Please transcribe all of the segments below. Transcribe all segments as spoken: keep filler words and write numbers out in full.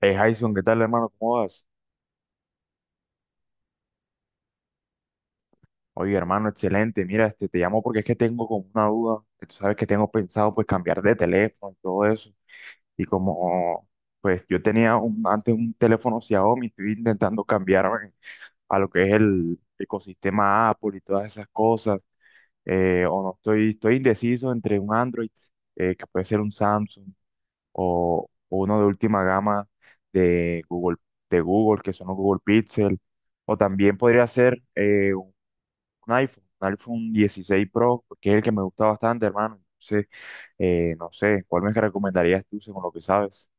Eh, Jason, ¿qué tal, hermano? ¿Cómo vas? Oye, hermano, excelente. Mira, este, te llamo porque es que tengo como una duda. Que Tú sabes que tengo pensado, pues, cambiar de teléfono y todo eso. Y como, pues, yo tenía un- antes un teléfono Xiaomi, estoy intentando cambiarme a lo que es el ecosistema Apple y todas esas cosas. Eh, o no, estoy, estoy indeciso entre un Android, eh, que puede ser un Samsung, o uno de última gama de Google, de Google, que son los Google Pixel, o también podría ser eh, un iPhone, un iPhone dieciséis Pro, que es el que me gusta bastante, hermano. Entonces, eh, no sé, ¿cuál me recomendarías tú según lo que sabes?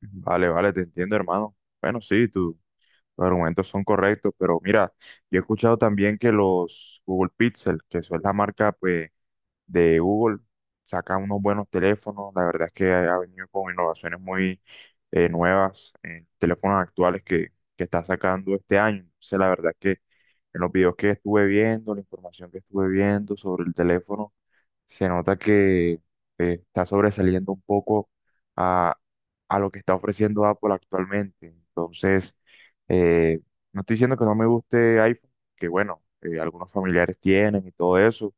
Vale, vale, te entiendo, hermano. Bueno, sí, tú. Los argumentos son correctos, pero mira, yo he escuchado también que los Google Pixel, que eso es la marca, pues, de Google saca unos buenos teléfonos. La verdad es que ha ha venido con innovaciones muy eh, nuevas en teléfonos actuales que, que está sacando este año. Entonces, la verdad es que en los videos que estuve viendo, la información que estuve viendo sobre el teléfono, se nota que eh, está sobresaliendo un poco a, a lo que está ofreciendo Apple actualmente. Entonces, eh, no estoy diciendo que no me guste iPhone, que bueno, eh, algunos familiares tienen y todo eso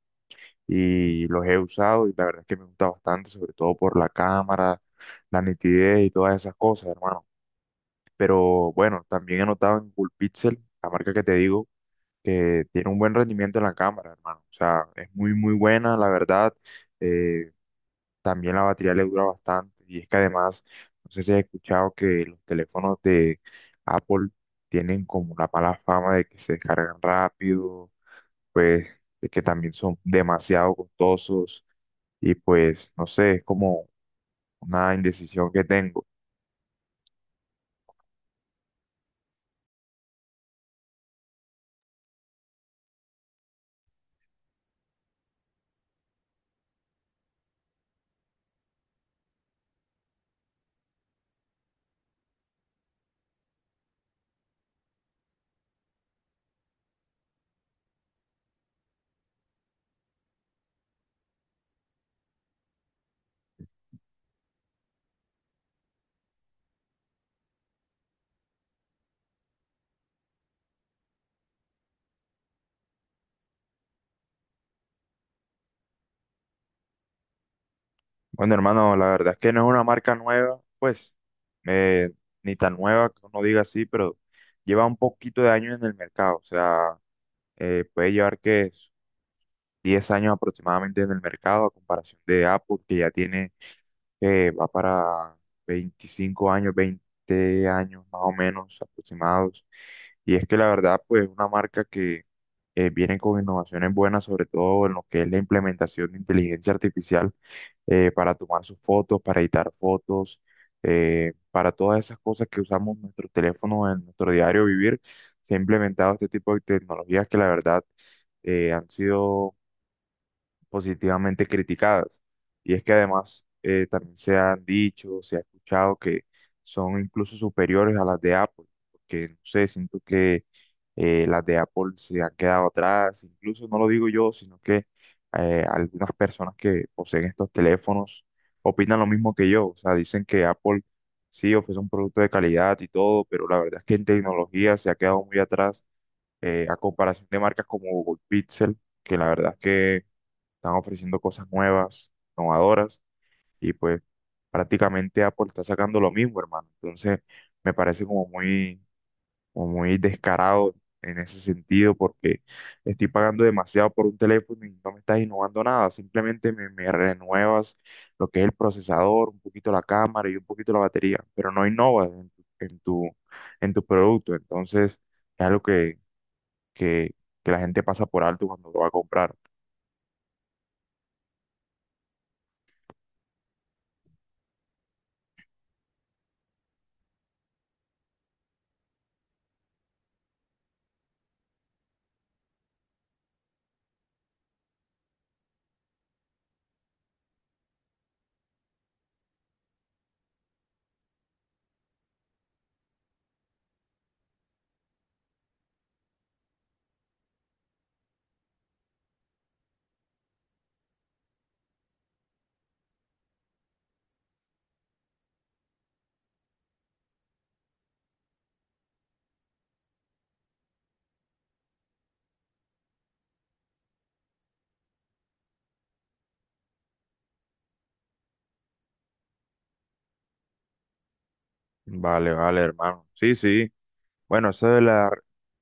y los he usado y la verdad es que me gusta bastante, sobre todo por la cámara, la nitidez y todas esas cosas, hermano. Pero bueno, también he notado en Coolpixel, la marca que te digo, que tiene un buen rendimiento en la cámara, hermano. O sea, es muy, muy buena, la verdad. Eh, también la batería le dura bastante y es que además, no sé si has escuchado que los teléfonos de Apple tienen como la mala fama de que se descargan rápido, pues de que también son demasiado costosos y pues no sé, es como una indecisión que tengo. Bueno, hermano, la verdad es que no es una marca nueva, pues eh, ni tan nueva que uno diga así, pero lleva un poquito de años en el mercado, o sea, eh, puede llevar que diez años aproximadamente en el mercado a comparación de Apple, que ya tiene, eh, va para veinticinco años, veinte años más o menos aproximados. Y es que la verdad, pues es una marca que eh, viene con innovaciones buenas, sobre todo en lo que es la implementación de inteligencia artificial eh, para tomar sus fotos, para editar fotos, eh, para todas esas cosas que usamos nuestros teléfonos en nuestro diario vivir, se ha implementado este tipo de tecnologías que la verdad eh, han sido positivamente criticadas. Y es que además eh, también se han dicho, se ha escuchado que son incluso superiores a las de Apple, porque no sé, siento que eh, las de Apple se han quedado atrás, incluso no lo digo yo, sino que eh, algunas personas que poseen estos teléfonos opinan lo mismo que yo, o sea, dicen que Apple sí ofrece un producto de calidad y todo, pero la verdad es que en tecnología se ha quedado muy atrás eh, a comparación de marcas como Google Pixel, que la verdad es que están ofreciendo cosas nuevas, innovadoras, y pues prácticamente Apple está sacando lo mismo, hermano. Entonces, me parece como muy, como muy descarado en ese sentido, porque estoy pagando demasiado por un teléfono y no me estás innovando nada, simplemente me, me renuevas lo que es el procesador, un poquito la cámara y un poquito la batería, pero no innovas en tu, en tu, en tu producto. Entonces, es algo que, que, que la gente pasa por alto cuando lo va a comprar. Vale, vale, hermano. Sí, sí. Bueno, eso de la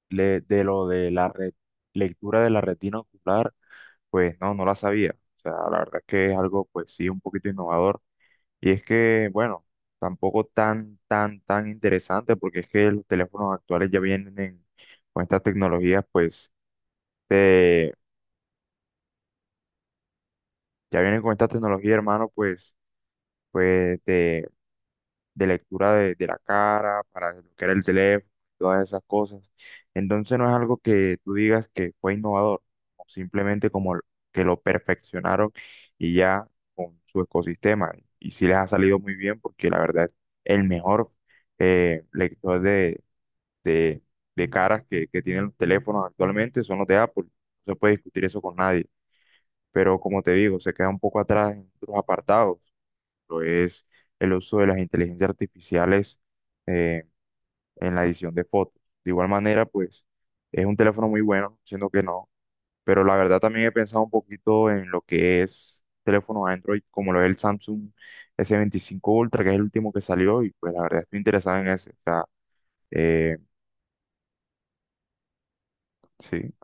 le- de lo de la re- lectura de la retina ocular, pues no, no la sabía. O sea, la verdad es que es algo, pues sí, un poquito innovador. Y es que, bueno, tampoco tan, tan, tan interesante, porque es que los teléfonos actuales ya vienen en- con estas tecnologías, pues, de, ya vienen con estas tecnologías, hermano, pues, pues, de lectura de, de la cara, para desbloquear el teléfono, todas esas cosas. Entonces no es algo que tú digas que fue innovador, o simplemente como l- que lo perfeccionaron y ya con su ecosistema. Y sí les ha salido muy bien porque la verdad es el mejor eh, lector de, de, de caras que, que tienen los teléfonos actualmente son los de Apple. No se puede discutir eso con nadie. Pero como te digo, se queda un poco atrás en otros apartados ejemplo, es el uso de las inteligencias artificiales eh, en la edición de fotos. De igual manera, pues es un teléfono muy bueno, siendo que no, pero la verdad también he pensado un poquito en lo que es teléfono Android, como lo es el Samsung s veinticinco Ultra, que es el último que salió, y pues la verdad estoy interesado en ese. O sea, eh, sí,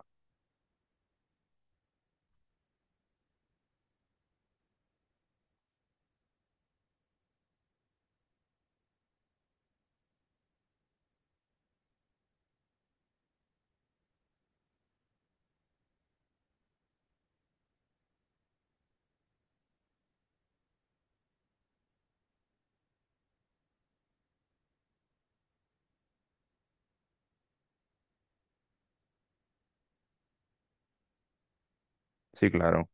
sí, claro,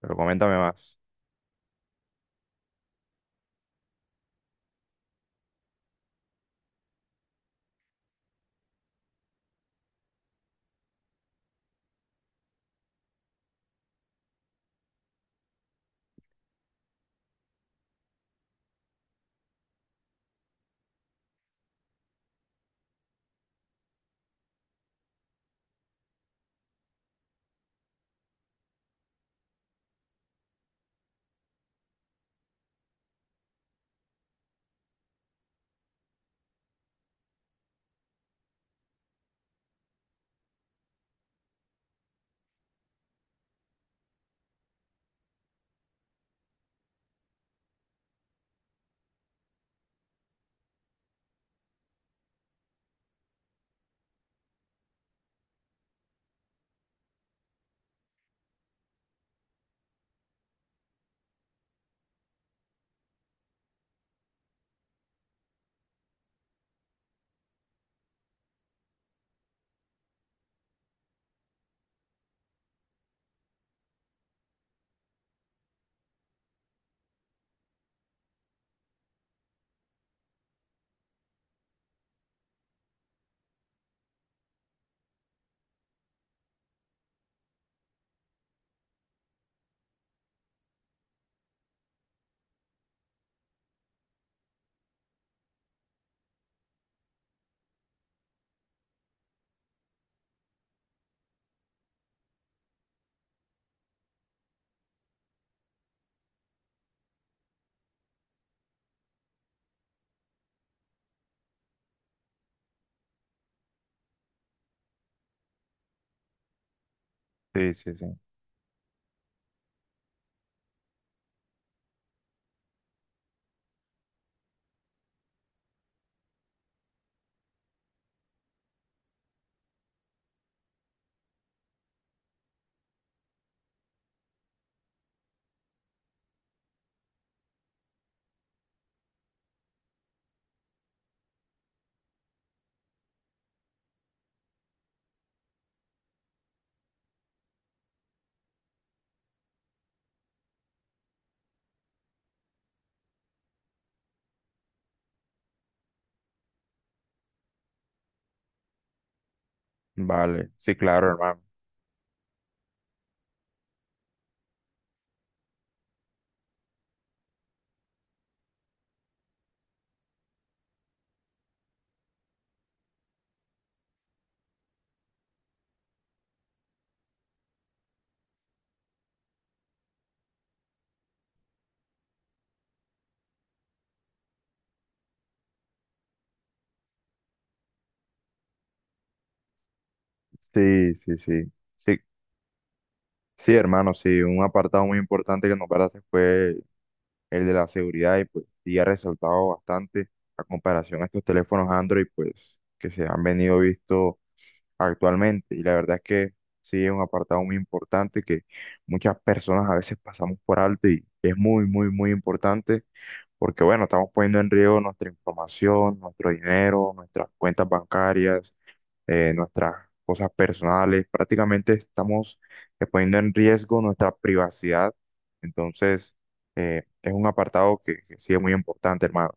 pero coméntame más. Sí, sí, sí. Vale, sí, claro, hermano. Sí, sí, sí. Sí, sí, hermano, sí, un apartado muy importante que nombraste fue el de la seguridad y pues sí ha resaltado bastante a comparación a estos teléfonos Android pues que se han venido visto actualmente y la verdad es que sí es un apartado muy importante que muchas personas a veces pasamos por alto y es muy muy muy importante porque bueno, estamos poniendo en riesgo nuestra información, nuestro dinero, nuestras cuentas bancarias eh, nuestras cosas personales, prácticamente estamos eh, poniendo en riesgo nuestra privacidad. Entonces, eh, es un apartado que, que sí es muy importante, hermano.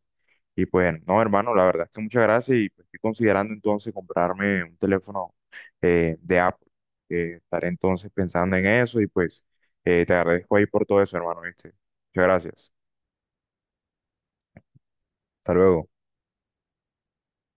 Y pues, no, hermano, la verdad es que muchas gracias y pues, estoy considerando entonces comprarme un teléfono eh, de Apple. Eh, estaré entonces pensando en eso y pues eh, te agradezco ahí por todo eso, hermano, ¿viste? Muchas gracias. Hasta luego.